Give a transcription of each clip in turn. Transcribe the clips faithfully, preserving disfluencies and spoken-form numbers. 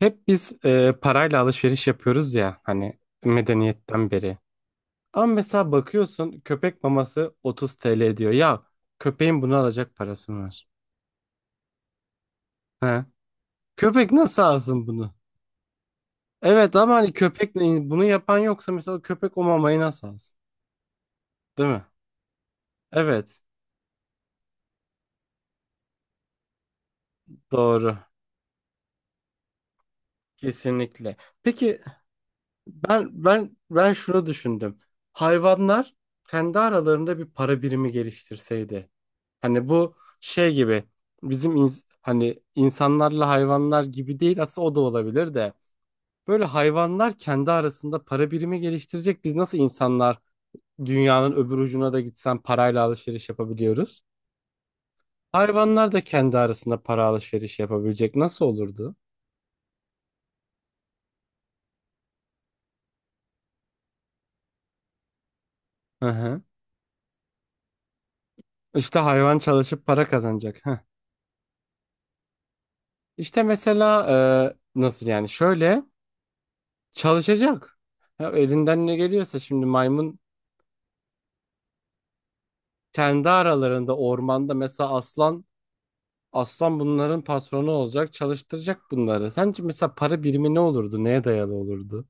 Hep biz e, parayla alışveriş yapıyoruz ya hani medeniyetten beri. Ama mesela bakıyorsun köpek maması otuz T L diyor. Ya köpeğin bunu alacak parası mı var? He? Köpek nasıl alsın bunu? Evet ama hani köpek bunu yapan yoksa mesela köpek o mamayı nasıl alsın? Değil mi? Evet, doğru, kesinlikle. Peki. Ben ben ben şunu düşündüm. Hayvanlar kendi aralarında bir para birimi geliştirseydi. Hani bu şey gibi bizim ins- hani insanlarla hayvanlar gibi değil, aslında o da olabilir de böyle hayvanlar kendi arasında para birimi geliştirecek. Biz nasıl insanlar dünyanın öbür ucuna da gitsen parayla alışveriş yapabiliyoruz? Hayvanlar da kendi arasında para alışverişi yapabilecek. Nasıl olurdu? Hı hı. İşte hayvan çalışıp para kazanacak. İşte mesela e, nasıl yani şöyle çalışacak. Ya elinden ne geliyorsa şimdi maymun kendi aralarında ormanda mesela aslan aslan bunların patronu olacak, çalıştıracak bunları. Sence mesela para birimi ne olurdu? Neye dayalı olurdu?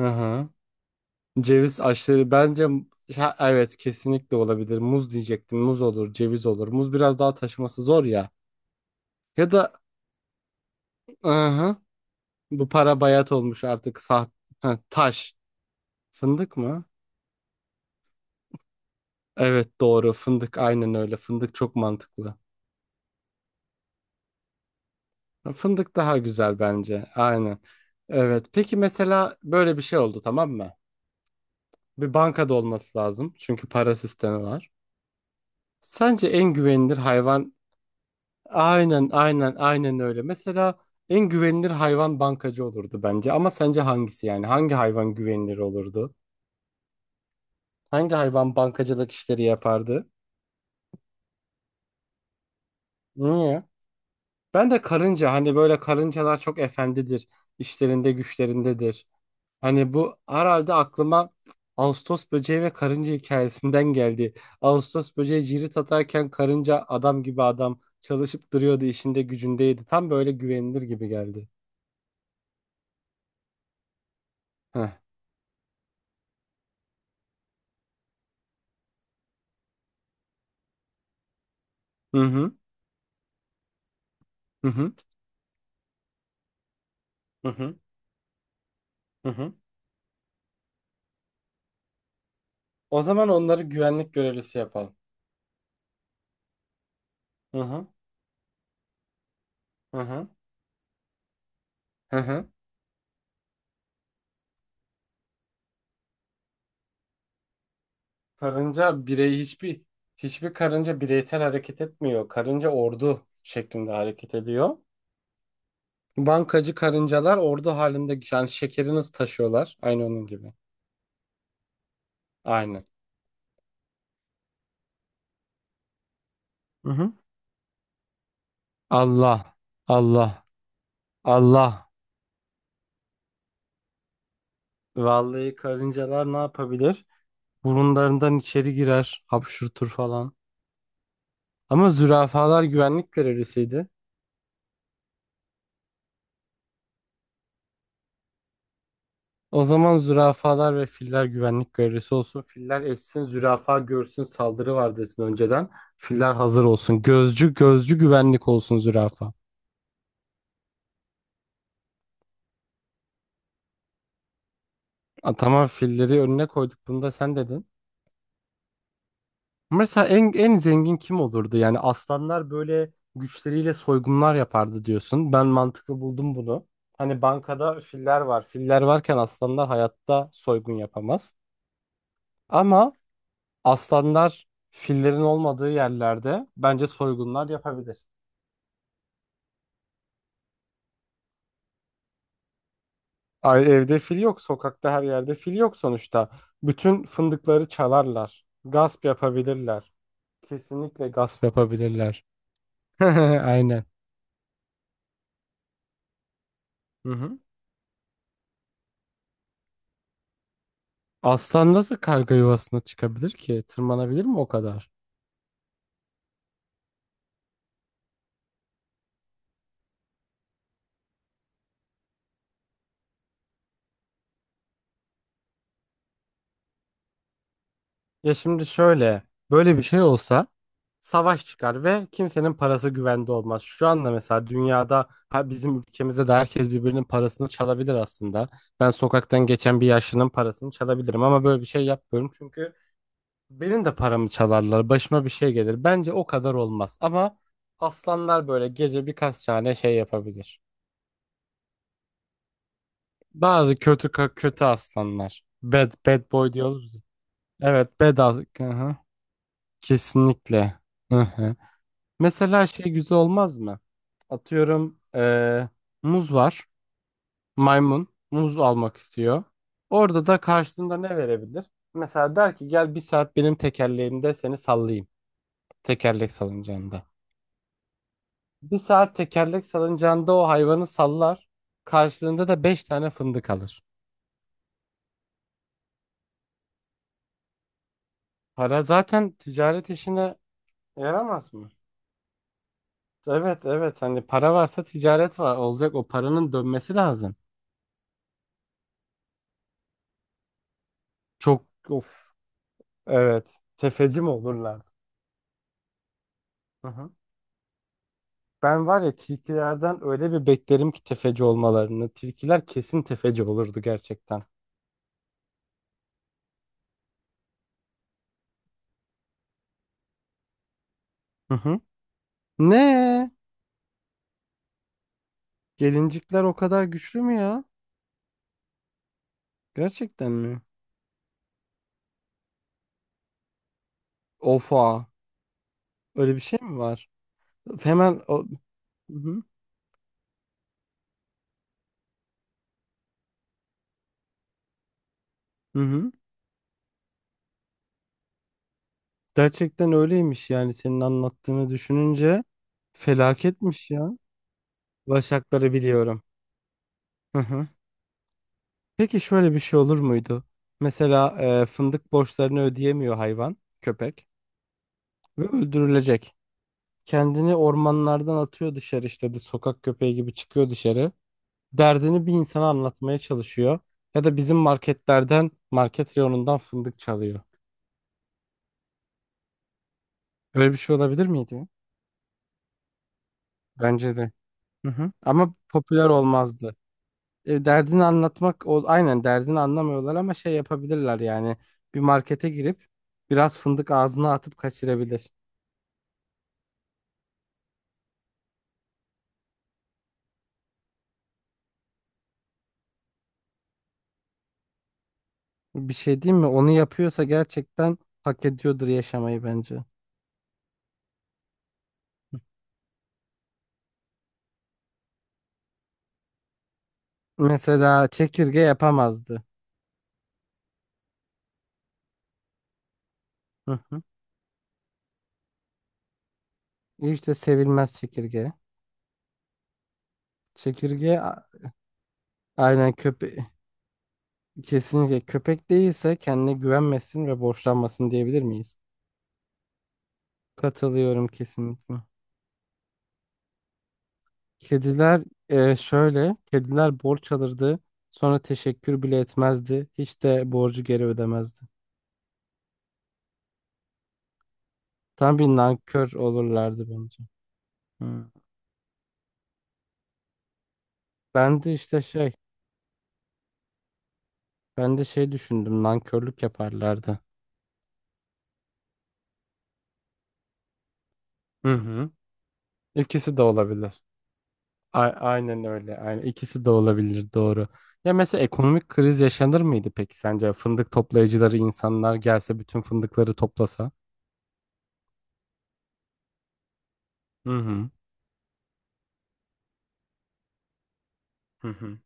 Hı hı. Ceviz aşırı bence. Ha, evet, kesinlikle olabilir. Muz diyecektim. Muz olur, ceviz olur. Muz biraz daha taşıması zor ya. Ya da hı hı. Bu para bayat olmuş artık sah. Ha, taş. Fındık mı? Evet, doğru fındık, aynen öyle, fındık çok mantıklı. Fındık daha güzel bence, aynen. Evet, peki mesela böyle bir şey oldu, tamam mı? Bir bankada olması lazım çünkü para sistemi var. Sence en güvenilir hayvan? Aynen, aynen, aynen öyle. Mesela en güvenilir hayvan bankacı olurdu bence ama sence hangisi, yani hangi hayvan güvenilir olurdu? Hangi hayvan bankacılık işleri yapardı? Niye? Ben de karınca, hani böyle karıncalar çok efendidir. İşlerinde güçlerindedir. Hani bu herhalde aklıma Ağustos böceği ve karınca hikayesinden geldi. Ağustos böceği cirit atarken karınca adam gibi adam çalışıp duruyordu, işinde gücündeydi. Tam böyle güvenilir gibi geldi. Heh. Hı hı. Hı hı. Hı hı. Hı hı. O zaman onları güvenlik görevlisi yapalım. Hı hı. Hı hı. Hı hı. Karınca birey hiçbir hiçbir karınca bireysel hareket etmiyor. Karınca ordu şeklinde hareket ediyor. Bankacı karıncalar ordu halinde, yani şekeri nasıl taşıyorlar? Aynı onun gibi. Aynen. Hı hı. Allah, Allah, Allah. Vallahi karıncalar ne yapabilir? Burunlarından içeri girer, hapşurtur falan. Ama zürafalar güvenlik görevlisiydi. O zaman zürafalar ve filler güvenlik görevlisi olsun. Filler essin, zürafa görsün, saldırı var desin önceden. Filler hazır olsun. Gözcü, gözcü güvenlik olsun zürafa. A, tamam, filleri önüne koyduk. Bunu da sen dedin. Mesela en, en zengin kim olurdu? Yani aslanlar böyle güçleriyle soygunlar yapardı diyorsun. Ben mantıklı buldum bunu. Hani bankada filler var. Filler varken aslanlar hayatta soygun yapamaz. Ama aslanlar fillerin olmadığı yerlerde bence soygunlar yapabilir. Ay, evde fil yok, sokakta her yerde fil yok sonuçta. Bütün fındıkları çalarlar. Gasp yapabilirler. Kesinlikle gasp yapabilirler. Aynen. Hı hı. Aslan nasıl karga yuvasına çıkabilir ki? Tırmanabilir mi o kadar? Ya şimdi şöyle, böyle bir şey olsa savaş çıkar ve kimsenin parası güvende olmaz. Şu anda mesela dünyada ha bizim ülkemizde de herkes birbirinin parasını çalabilir aslında. Ben sokaktan geçen bir yaşlının parasını çalabilirim ama böyle bir şey yapmıyorum çünkü benim de paramı çalarlar, başıma bir şey gelir. Bence o kadar olmaz ama aslanlar böyle gece birkaç tane şey yapabilir. Bazı kötü kötü aslanlar. Bad bad boy diyoruz. Evet, bedava. Hı. Kesinlikle. Hı-hı. Mesela şey güzel olmaz mı? Atıyorum eee, muz var. Maymun muz almak istiyor. Orada da karşılığında ne verebilir? Mesela der ki gel bir saat benim tekerleğimde seni sallayayım. Tekerlek salıncağında. Bir saat tekerlek salıncağında o hayvanı sallar. Karşılığında da beş tane fındık alır. Para zaten ticaret işine yaramaz mı? Evet, evet, hani para varsa ticaret var olacak, o paranın dönmesi lazım. Çok. Of. Evet, tefeci mi olurlar? Hı hı. Ben var ya tilkilerden öyle bir beklerim ki tefeci olmalarını. Tilkiler kesin tefeci olurdu gerçekten. Hı hı. Ne? Gelincikler o kadar güçlü mü ya? Gerçekten mi? Ofa. Öyle bir şey mi var? Hemen o... Hı hı. Hı hı. Gerçekten öyleymiş yani senin anlattığını düşününce felaketmiş ya. Başakları biliyorum. Hı hı. Peki şöyle bir şey olur muydu? Mesela e, fındık borçlarını ödeyemiyor hayvan, köpek ve öldürülecek. Kendini ormanlardan atıyor dışarı, işte de sokak köpeği gibi çıkıyor dışarı. Derdini bir insana anlatmaya çalışıyor. Ya da bizim marketlerden, market reyonundan fındık çalıyor. Böyle bir şey olabilir miydi? Bence de. Hı hı. Ama popüler olmazdı. E, derdini anlatmak, o, aynen, derdini anlamıyorlar ama şey yapabilirler yani. Bir markete girip biraz fındık ağzına atıp kaçırabilir. Bir şey diyeyim mi? Onu yapıyorsa gerçekten hak ediyordur yaşamayı bence. Mesela çekirge yapamazdı. Hı hı. İşte sevilmez çekirge. Çekirge a- aynen köpe kesinlikle köpek değilse kendine güvenmesin ve borçlanmasın, diyebilir miyiz? Katılıyorum kesinlikle. Kediler e, şöyle kediler borç alırdı, sonra teşekkür bile etmezdi, hiç de borcu geri ödemezdi. Tam bir nankör olurlardı bence. Hı. Ben de işte şey Ben de şey düşündüm, nankörlük yaparlardı. Hı hı. İkisi de olabilir. A- aynen öyle. Aynen. İkisi de olabilir, doğru. Ya mesela ekonomik kriz yaşanır mıydı peki sence? Fındık toplayıcıları insanlar gelse bütün fındıkları toplasa. Hı hı. Hı hı.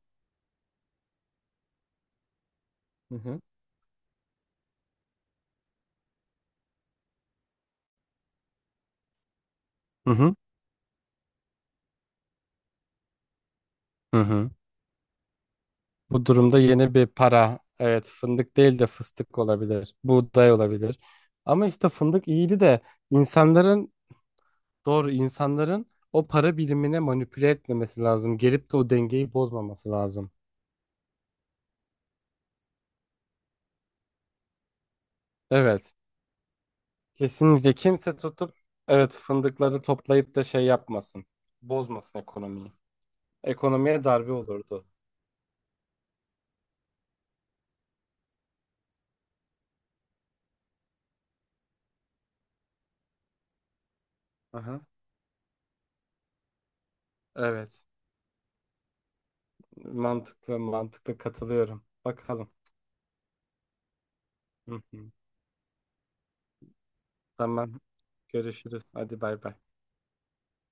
Hı hı. Hı hı. Hı hı. Bu durumda yeni bir para. Evet, fındık değil de fıstık olabilir. Buğday olabilir. Ama işte fındık iyiydi de insanların, doğru, insanların o para birimine manipüle etmemesi lazım. Gelip de o dengeyi bozmaması lazım. Evet. Kesinlikle kimse tutup, evet, fındıkları toplayıp da şey yapmasın. Bozmasın ekonomiyi. Ekonomiye darbe olurdu. Aha. Evet. Mantıklı, mantıklı, katılıyorum. Bakalım. Hı hı. Tamam. Görüşürüz. Hadi bay bay.